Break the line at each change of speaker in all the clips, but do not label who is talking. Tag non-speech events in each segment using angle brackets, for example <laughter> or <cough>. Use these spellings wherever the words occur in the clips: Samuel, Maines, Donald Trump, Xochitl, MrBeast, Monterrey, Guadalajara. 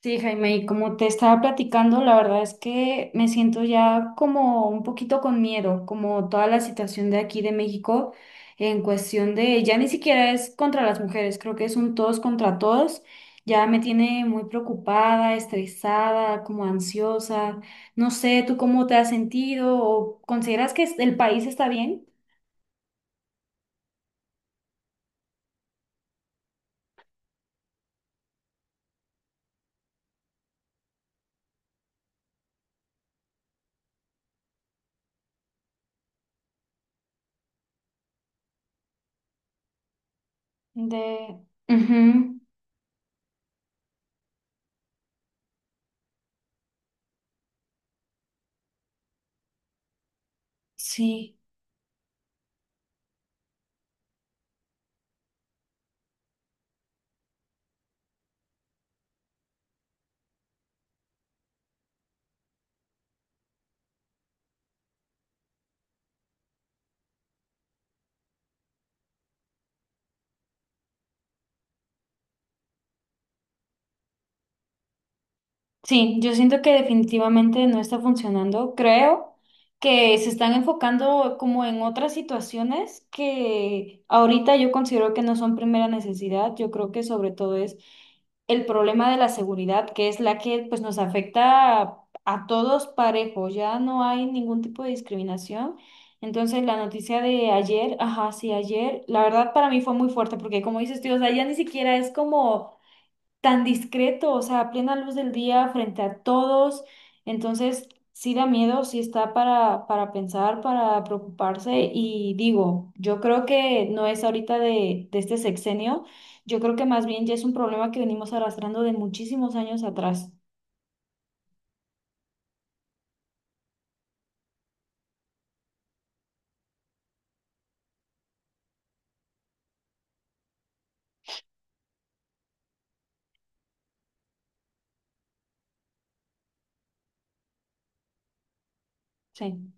Sí, Jaime, y como te estaba platicando, la verdad es que me siento ya como un poquito con miedo, como toda la situación de aquí de México en cuestión de, ya ni siquiera es contra las mujeres, creo que es un todos contra todos, ya me tiene muy preocupada, estresada, como ansiosa, no sé, ¿tú cómo te has sentido o consideras que el país está bien? De... Ujú, sí. Sí, yo siento que definitivamente no está funcionando. Creo que se están enfocando como en otras situaciones que ahorita yo considero que no son primera necesidad. Yo creo que sobre todo es el problema de la seguridad, que es la que pues nos afecta a todos parejos. Ya no hay ningún tipo de discriminación. Entonces la noticia de ayer, ajá, sí, ayer, la verdad para mí fue muy fuerte porque como dices tú, o sea, ya ni siquiera es como tan discreto, o sea, a plena luz del día, frente a todos. Entonces, sí da miedo, sí está para pensar, para preocuparse. Y digo, yo creo que no es ahorita de este sexenio, yo creo que más bien ya es un problema que venimos arrastrando de muchísimos años atrás. Sí.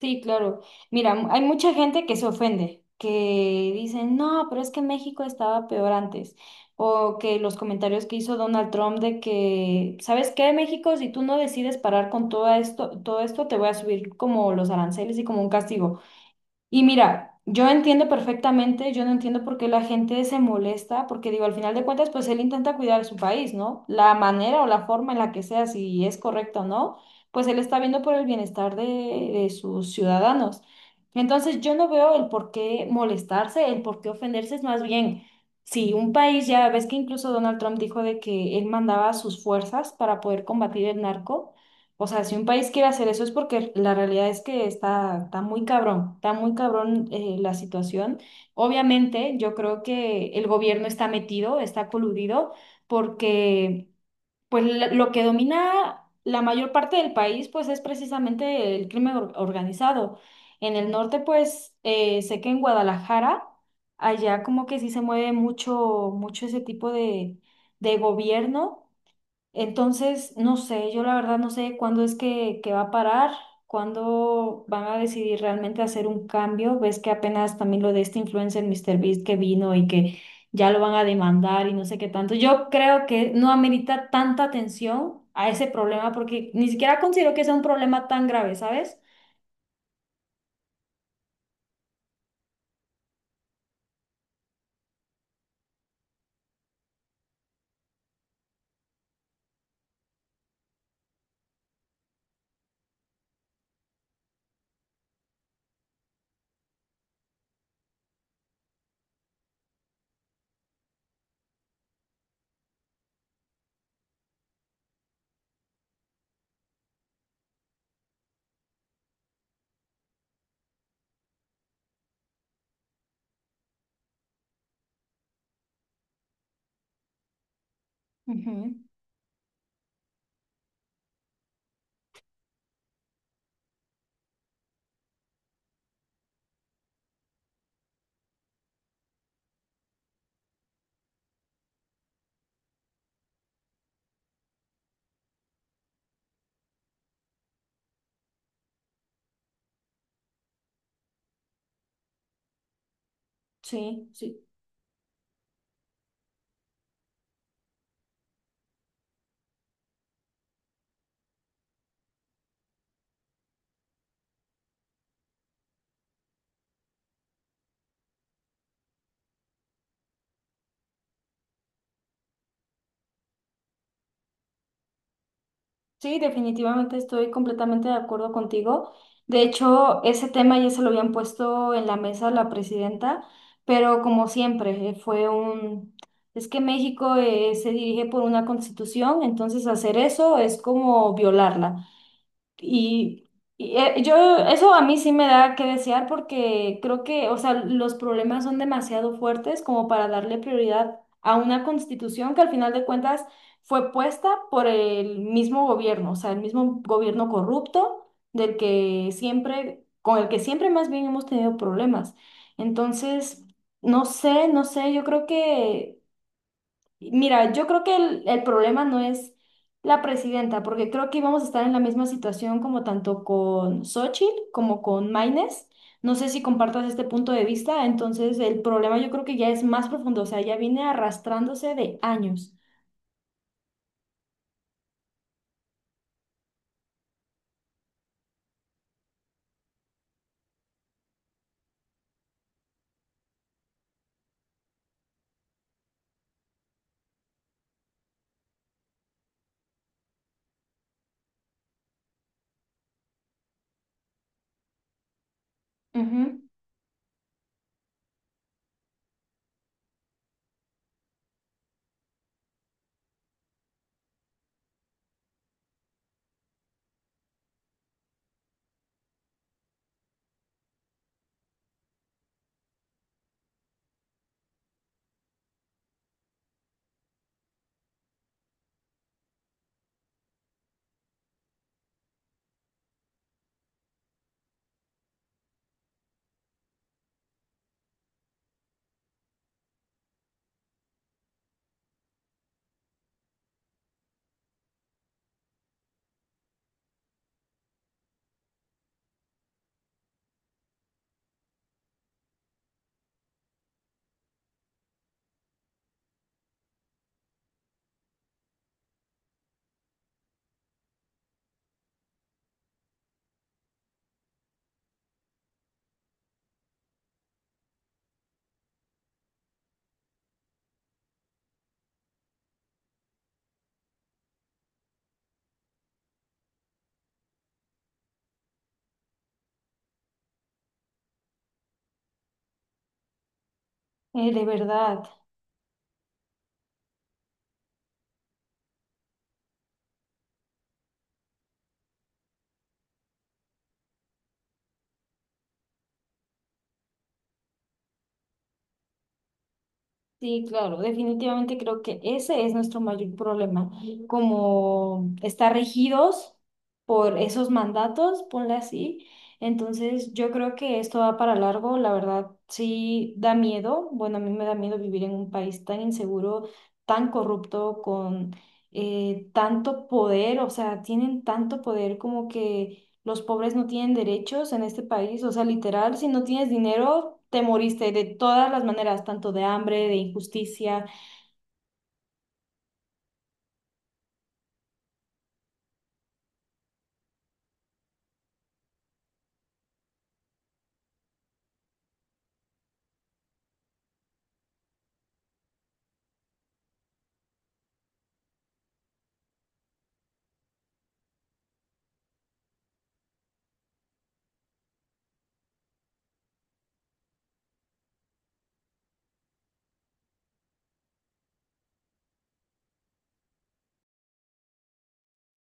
Sí, claro. Mira, hay mucha gente que se ofende, que dicen, no, pero es que México estaba peor antes. O que los comentarios que hizo Donald Trump de que, ¿sabes qué, México? Si tú no decides parar con todo esto, te voy a subir como los aranceles y como un castigo. Y mira, yo entiendo perfectamente, yo no entiendo por qué la gente se molesta, porque digo, al final de cuentas, pues él intenta cuidar su país, ¿no? La manera o la forma en la que sea, si es correcto o no, pues él está viendo por el bienestar de sus ciudadanos. Entonces, yo no veo el por qué molestarse, el por qué ofenderse, es más bien, si un país ya, ves que incluso Donald Trump dijo de que él mandaba sus fuerzas para poder combatir el narco. O sea, si un país quiere hacer eso es porque la realidad es que está muy cabrón, está muy cabrón la situación. Obviamente, yo creo que el gobierno está metido, está coludido, porque pues lo que domina la mayor parte del país pues es precisamente el crimen organizado. En el norte pues sé que en Guadalajara, allá como que sí se mueve mucho, mucho ese tipo de gobierno. Entonces, no sé, yo la verdad no sé cuándo es que, va a parar, cuándo van a decidir realmente hacer un cambio. Ves que apenas también lo de este influencer míster Beast que vino y que ya lo van a demandar y no sé qué tanto. Yo creo que no amerita tanta atención a ese problema porque ni siquiera considero que sea un problema tan grave, ¿sabes? Ujú. Sí, sí, sí, definitivamente estoy completamente de acuerdo contigo. De hecho, ese tema ya se lo habían puesto en la mesa la presidenta, pero como siempre. Es que México se dirige por una constitución, entonces hacer eso es como violarla. Y, Eso a mí sí me da que desear porque creo que, o sea, los problemas son demasiado fuertes como para darle prioridad a una constitución que al final de cuentas fue puesta por el mismo gobierno, o sea, el mismo gobierno corrupto del que siempre, con el que siempre más bien hemos tenido problemas. Entonces, no sé, no sé. Yo creo que Mira, yo creo que el problema no es la presidenta, porque creo que íbamos a estar en la misma situación como tanto con Xochitl como con Maines. No sé si compartas este punto de vista, entonces el problema yo creo que ya es más profundo, o sea, ya viene arrastrándose de años. Ujú. De verdad. Sí, claro, definitivamente creo que ese es nuestro mayor problema, como estar regidos por esos mandatos, ponle así. Entonces, yo creo que esto va para largo, la verdad, sí da miedo. Bueno, a mí me da miedo vivir en un país tan inseguro, tan corrupto, con tanto poder, o sea, tienen tanto poder como que los pobres no tienen derechos en este país, o sea, literal, si no tienes dinero, te moriste de todas las maneras, tanto de hambre, de injusticia.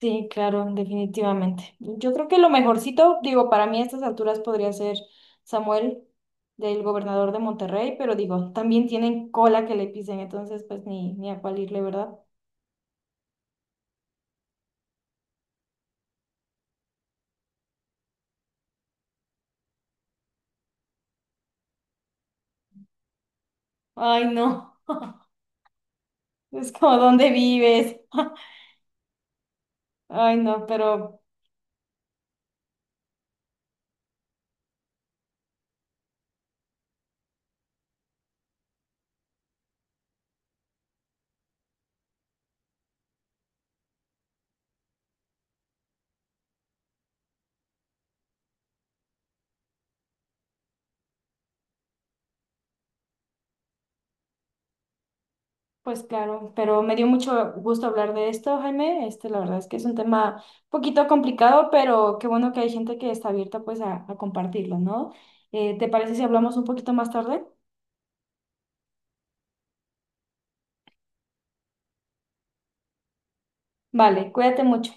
Sí, claro, definitivamente. Yo creo que lo mejorcito, digo, para mí a estas alturas podría ser Samuel, del gobernador de Monterrey, pero digo, también tienen cola que le pisen, entonces pues ni a cuál irle, ¿verdad? Ay, no, <laughs> es como, ¿dónde vives? <laughs> Ay, no, Pues claro, pero me dio mucho gusto hablar de esto, Jaime. Este, la verdad es que es un tema un poquito complicado, pero qué bueno que hay gente que está abierta pues a compartirlo, ¿no? ¿Te parece si hablamos un poquito más tarde? Vale, cuídate mucho.